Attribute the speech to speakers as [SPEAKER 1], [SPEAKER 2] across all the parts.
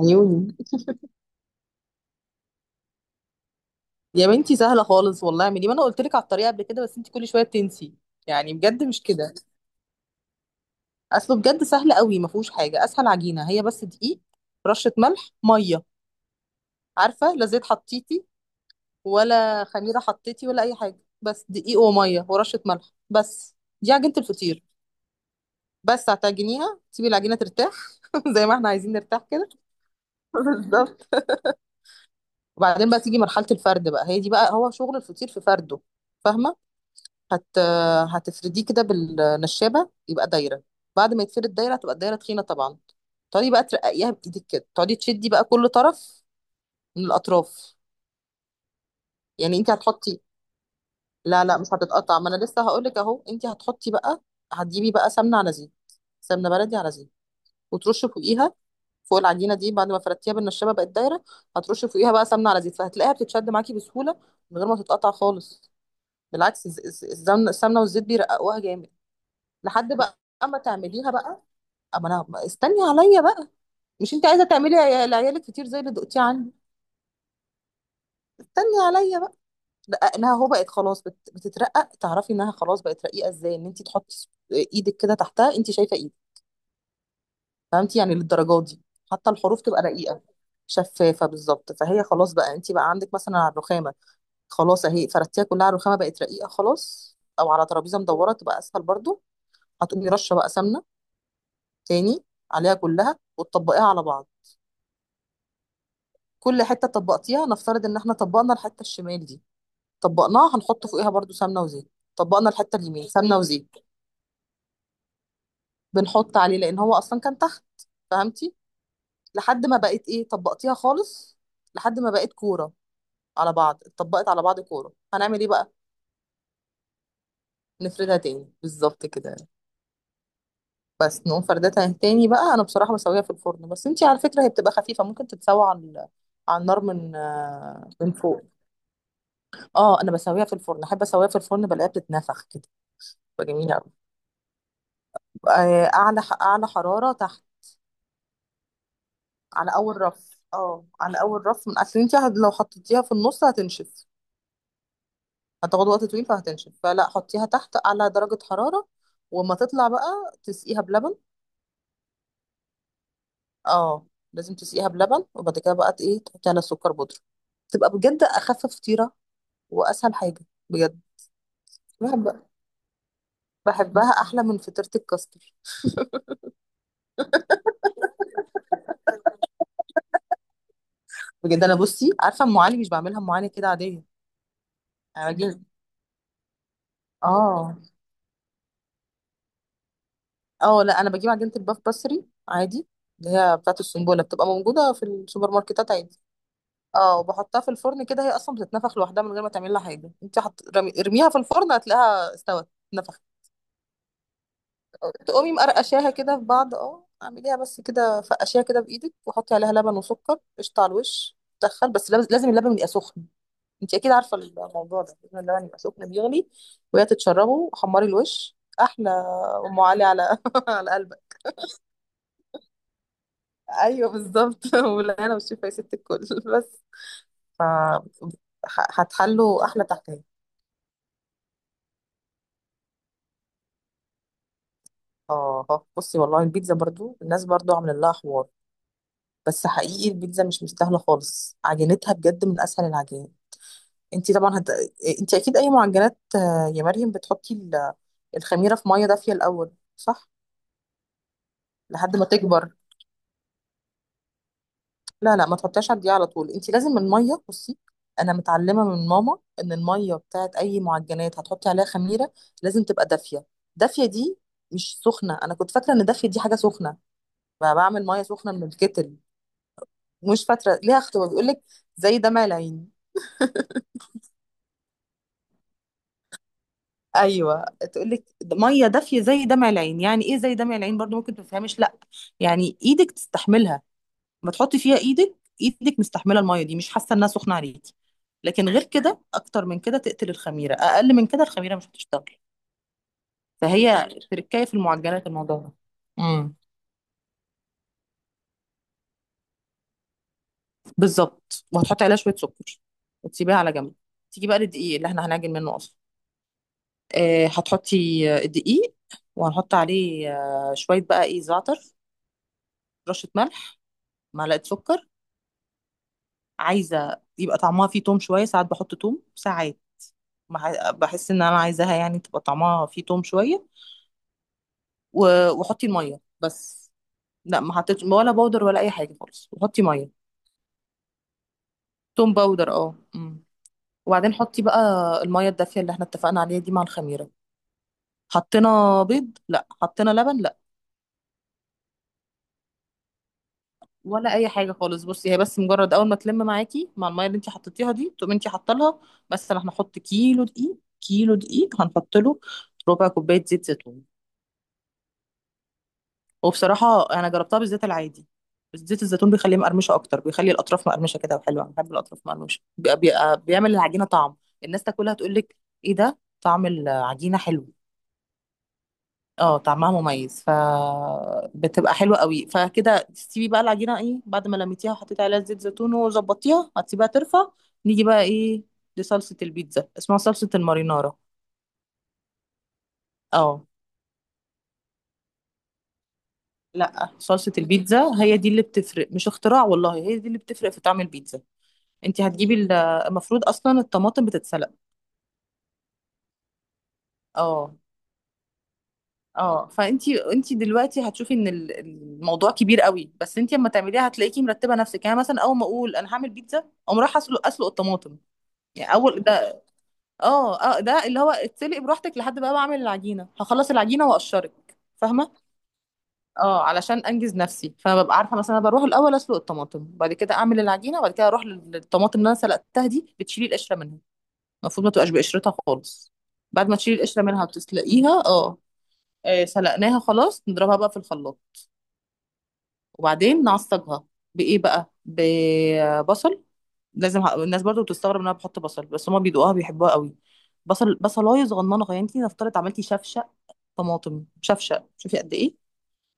[SPEAKER 1] عيوني. يا بنتي سهله خالص والله، اعملي ما انا قلت لك على الطريقه قبل كده، بس انت كل شويه بتنسي يعني، بجد مش كده. اصله بجد سهل قوي، ما فيهوش حاجه اسهل. عجينه هي بس دقيق، رشه ملح، ميه. عارفه؟ لا زيت حطيتي ولا خميره حطيتي ولا اي حاجه، بس دقيق وميه ورشه ملح بس. دي عجينه الفطير. بس هتعجنيها، تسيبي العجينه ترتاح، زي ما احنا عايزين نرتاح كده. بالظبط. وبعدين بقى تيجي مرحله الفرد، بقى هي دي بقى هو شغل الفطير، في فرده. فاهمه؟ هت هتفرديه كده بالنشابة، يبقى دايرة. بعد ما يتفرد دايرة، هتبقى الدايرة تخينة طبعا. تقعدي بقى ترققيها بإيدك كده، تقعدي تشدي بقى كل طرف من الأطراف. يعني انت هتحطي. لا لا، مش هتتقطع، ما انا لسه هقولك اهو. انت هتحطي بقى، هتجيبي بقى سمنة على زيت، سمنة بلدي على زيت، وترشي فوقيها، فوق العجينة دي، بعد ما فردتيها بالنشابة بقت دايرة. هترشي فوقيها بقى سمنة على زيت، فهتلاقيها بتتشد معاكي بسهولة من غير ما تتقطع خالص. بالعكس، السمنة والزيت بيرققوها جامد. لحد بقى اما تعمليها بقى، اما انا استني عليا بقى. مش انت عايزه تعملي لعيالك كتير زي اللي دقتيه عندي؟ استني عليا بقى. لا، انها هو بقت خلاص بتترقق، تعرفي انها خلاص بقت رقيقه ازاي؟ ان انت تحطي ايدك كده تحتها، انت شايفه ايدك. فهمتي؟ يعني للدرجات دي، حتى الحروف تبقى رقيقه. شفافه بالظبط. فهي خلاص بقى، انت بقى عندك مثلا على الرخامه، خلاص اهي فردتيها كلها على الرخامه بقت رقيقه خلاص، او على ترابيزه مدوره تبقى اسهل برضو. هتقومي رشه بقى سمنه تاني عليها كلها، وتطبقيها على بعض. كل حته طبقتيها، نفترض ان احنا طبقنا الحته الشمال دي، طبقناها هنحط فوقيها برضو سمنه وزيت. طبقنا الحته اليمين، سمنه وزيت. بنحط عليه لان هو اصلا كان تحت. فهمتي؟ لحد ما بقت ايه، طبقتيها خالص، لحد ما بقت كوره. على بعض اتطبقت على بعض كوره، هنعمل ايه بقى؟ نفردها تاني، بالظبط كده. بس نقوم فردتها تاني بقى. انا بصراحه بسويها في الفرن، بس انتي على فكره هي بتبقى خفيفه، ممكن تتسوى على على النار، من فوق. اه، انا بسويها في الفرن، احب اسويها في الفرن، بلاقيها بتتنفخ كده، بتبقى جميله. اعلى حرارة تحت. على اول رف. اه، على اول رف، من اصل انت لو حطيتيها في النص هتنشف، هتاخد وقت طويل فهتنشف. فلا، حطيها تحت اعلى درجة حرارة، وما تطلع بقى تسقيها بلبن. اه، لازم تسقيها بلبن، وبعد كده بقى ايه، تحطي على سكر بودرة. تبقى بجد اخف فطيرة، واسهل حاجة، بجد. بحب بحبها احلى من فطيرة الكاستر. بجد انا، بصي، عارفة ام علي مش بعملها؟ ام علي كده عادية. أنا بجيب اه اه لا، انا بجيب عجينه الباف بسري عادي، اللي هي بتاعه السنبله، بتبقى موجوده في السوبر ماركتات عادي. اه، وبحطها في الفرن كده، هي اصلا بتتنفخ لوحدها من غير ما تعمل لها حاجه. انت ارميها في الفرن، هتلاقيها استوت نفخت. تقومي مقرقشاها كده في بعض، اه، اعمليها بس كده، فقشيها كده بايدك، وحطي عليها لبن وسكر قشطه على الوش. تدخل بس لازم اللبن يبقى سخن. انت اكيد عارفه الموضوع ده، لازم اللبن يبقى سخن بيغلي، وهي تتشربه، حمري الوش احلى. ام علي على على قلبك. ايوه بالظبط. ولا انا مش شايفه يا ست الكل. بس ف هتحلوا احلى تحكي. بصي والله، البيتزا برضو الناس برضو عاملين لها حوار، بس حقيقي البيتزا مش مستاهله خالص. عجينتها بجد من اسهل العجائن. انت طبعا. انت اكيد اي معجنات، يا مريم، بتحطي الخميره في ميه دافيه الاول، صح؟ لحد ما تكبر. لا لا، ما تحطيهاش على الدقيقة على طول، انت لازم المية، بصي، انا متعلمة من ماما ان المية بتاعت اي معجنات هتحطي عليها خميرة لازم تبقى دافية. دافية دي مش سخنة. انا كنت فاكرة ان دافية دي حاجة سخنة، بقى بعمل مية سخنة من الكتل. مش فاكرة ليها اختبار بيقول لك، زي دمع العين. ايوه، تقول لك ميه دافيه زي دمع العين، يعني ايه زي دمع العين، برضو ممكن ما تفهمش، لا. يعني ايدك تستحملها، ما تحطي فيها ايدك، ايدك مستحمله الميه دي، مش حاسه انها سخنه عليكي. لكن غير كده، اكتر من كده تقتل الخميره، اقل من كده الخميره مش هتشتغل. فهي تركايه في المعجنات الموضوع ده. امم بالظبط، وهتحطي عليها شويه سكر، وتسيبيها على جنب. تيجي بقى للدقيق اللي احنا هنعجن منه اصلا. هتحطي الدقيق، وهنحط عليه شويه بقى ايه، زعتر، رشه ملح، معلقه سكر. عايزه يبقى طعمها فيه توم شويه، ساعات بحط توم ساعات. بحس ان انا عايزاها يعني تبقى طعمها فيه توم شويه. و- وحطي الميه بس. لا، ما حطيتش ولا بودر ولا اي حاجه خالص، وحطي ميه. توم باودر، اه. وبعدين حطي بقى الميه الدافيه اللي احنا اتفقنا عليها دي، مع الخميره. حطينا بيض؟ لا. حطينا لبن؟ لا، ولا اي حاجه خالص. بصي، هي بس مجرد اول ما تلم معاكي مع الميه اللي انت حطيتيها دي، تقومي انت حاطه لها، بس احنا هنحط كيلو دقيق. كيلو دقيق هنحط له ربع كوبايه زيت زيتون. وبصراحة أنا جربتها بالزيت العادي، بس زيت الزيتون بيخليه مقرمشة أكتر، بيخلي الأطراف مقرمشة كده وحلوة، أنا بحب الأطراف مقرمشة. بيعمل العجينة طعم، الناس تاكلها تقول لك إيه ده، طعم العجينة حلو. اه، طعمها مميز، فبتبقى حلوة قوي. فكده تسيبي بقى العجينة إيه، بعد ما لميتيها وحطيتي عليها زيت زيتون وظبطيها، هتسيبها ترفع. نيجي بقى إيه، لصلصة البيتزا، اسمها صلصة المارينارا. اه. لا، صلصة البيتزا هي دي اللي بتفرق، مش اختراع والله، هي دي اللي بتفرق في طعم البيتزا. انت هتجيبي المفروض اصلا الطماطم بتتسلق. اه. اه، فانت دلوقتي هتشوفي ان الموضوع كبير قوي، بس انت اما تعمليها هتلاقيكي مرتبه نفسك. يعني مثلا اول ما اقول انا هعمل بيتزا، اقوم رايحه اسلق، اسلق الطماطم. يعني اول ده. اه اه، ده اللي هو اتسلق براحتك لحد بقى بعمل العجينه، هخلص العجينه واقشرك، فاهمه؟ اه، علشان انجز نفسي، فببقى عارفه مثلا أنا بروح الاول اسلق الطماطم، بعد كده اعمل العجينه، وبعد كده اروح للطماطم اللي انا سلقتها دي بتشيلي القشره منها. المفروض ما تبقاش بقشرتها خالص. بعد ما تشيل القشرة منها وتسلقيها، اه، سلقناها خلاص، نضربها بقى في الخلاط، وبعدين نعصجها بإيه بقى، ببصل. لازم الناس برضو بتستغرب ان انا بحط بصل، بس هما بيدوقوها بيحبوها قوي. بصل، بصلايه صغننه، يعني انت نفترض عملتي شفشق طماطم، شفشق شوفي قد ايه،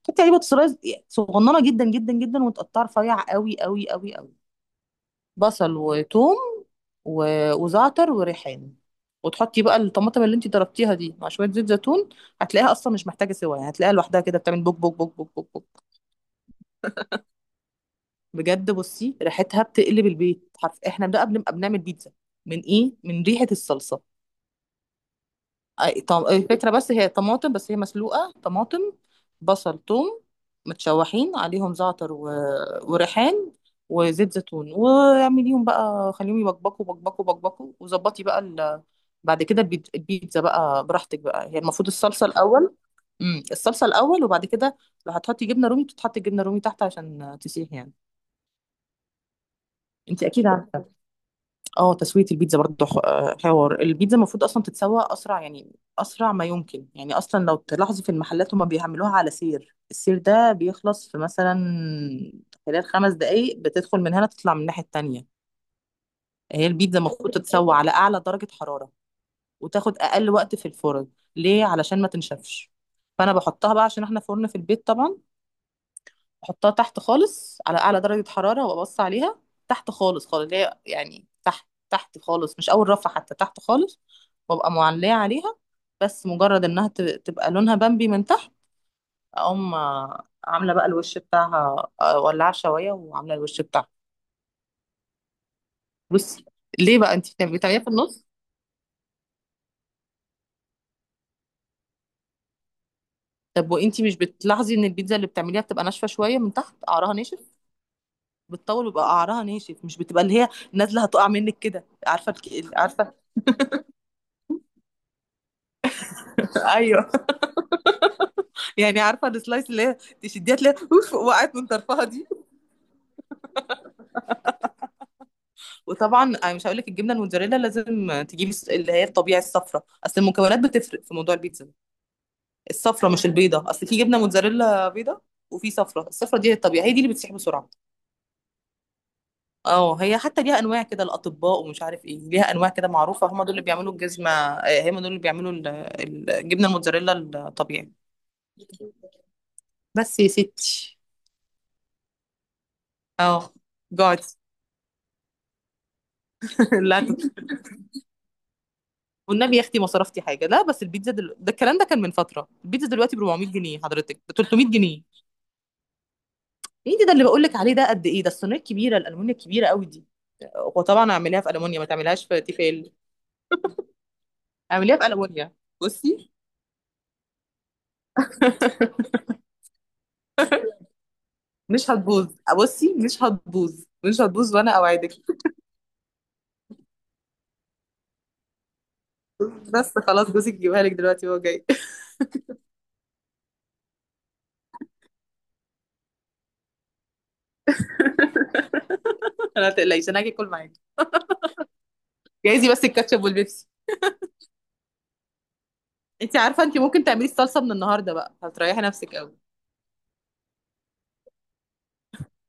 [SPEAKER 1] تحطي عليه بصلايه صغننه جدا جدا جدا، وتقطعها رفيع قوي قوي قوي قوي. بصل وثوم و- وزعتر وريحان، وتحطي بقى الطماطم اللي انت ضربتيها دي مع شويه زيت زيتون، هتلاقيها اصلا مش محتاجه سوا. يعني هتلاقيها لوحدها كده بتعمل بوك بوك بوك بوك بوك بوك. بجد، بصي، ريحتها بتقلب البيت حرف، احنا بقى بنبقى بنعمل بيتزا، من ايه، من ريحه الصلصه. الفكرة بس هي طماطم، بس هي مسلوقة، طماطم بصل ثوم متشوحين، عليهم زعتر. وريحان وزيت زيتون، واعمليهم بقى، خليهم يبقبقوا بقبقوا بقبقوا، وظبطي بقى. بعد كده البيتزا بقى براحتك بقى، هي المفروض الصلصة الأول. الصلصة الأول، وبعد كده لو هتحطي جبنة رومي، بتتحط جبنة رومي تحت عشان تسيح يعني. انت أكيد عارفة. اه، تسوية البيتزا برضه حوار. البيتزا المفروض اصلا تتسوى اسرع يعني، اسرع ما يمكن. يعني اصلا لو تلاحظوا في المحلات هما بيعملوها على سير، السير ده بيخلص في مثلا خلال 5 دقايق، بتدخل من هنا تطلع من الناحية التانية. هي البيتزا المفروض تتسوى على اعلى درجة حرارة، وتاخد اقل وقت في الفرن. ليه؟ علشان ما تنشفش. فانا بحطها بقى، عشان احنا فرن في البيت طبعا، احطها تحت خالص على اعلى درجة حرارة، وابص عليها. تحت خالص خالص، اللي هي يعني تحت تحت خالص، مش اول رفعة حتى، تحت خالص. وابقى معلية عليها، بس مجرد انها تبقى لونها بامبي من تحت، اقوم عاملة بقى الوش بتاعها، ولعة شواية وعاملة الوش بتاعها. بصي، ليه بقى انت بتعمليها في النص؟ طب وانت مش بتلاحظي ان البيتزا اللي بتعمليها بتبقى ناشفة شوية من تحت، قعرها ناشف، بتطول ويبقى قعرها ناشف، مش بتبقى اللي هي نازلة هتقع منك كده، عارفة عارفة. ايوه. يعني عارفه السلايس اللي هي تشديها تلاقيها اوف، وقعت من طرفها دي. وطبعا انا مش هقول لك الجبنه الموتزاريلا لازم تجيبي اللي هي الطبيعي، الصفرا، اصل المكونات بتفرق في موضوع البيتزا ده. الصفرا مش البيضه، اصل في جبنه موتزاريلا بيضه وفي صفرا، الصفرا دي هي الطبيعي، هي دي اللي بتسيح بسرعه. اه، هي حتى ليها انواع كده الاطباء ومش عارف ايه، ليها انواع كده معروفه، هم دول اللي بيعملوا الجزمه، هم دول اللي بيعملوا الجبنه الموتزاريلا الطبيعي. بس يا ستي، اه جوعت. لا والنبي يا اختي ما صرفتي حاجه، لا بس البيتزا ده الكلام ده كان من فتره، البيتزا دلوقتي ب 400 جنيه حضرتك، ب 300 جنيه. ايه ده اللي بقول لك عليه ده، قد ايه ده الصينيه الكبيره، الالومنيا الكبيره قوي دي. وطبعا اعمليها في الومنيا، ما تعمليهاش في تيفال. اعمليها في الومنيا. بصي، مش هتبوظ، بصي مش هتبوظ، مش هتبوظ، وانا اوعدك. بس خلاص جوزك يجيبها لك دلوقتي وهو جاي. انا تقلقيش، انا هاجي اكل معاكي. جايزي بس الكاتشب والبيبسي. انت عارفه، انت ممكن تعملي الصلصه من النهارده بقى، هتريحي نفسك قوي.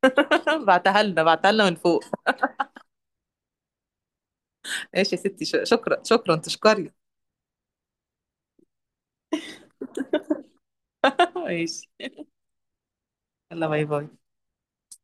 [SPEAKER 1] بعتها لنا، بعتها لنا من فوق. ماشي يا ستي، شكرا شكرا تشكري. ماشي، يلا باي باي.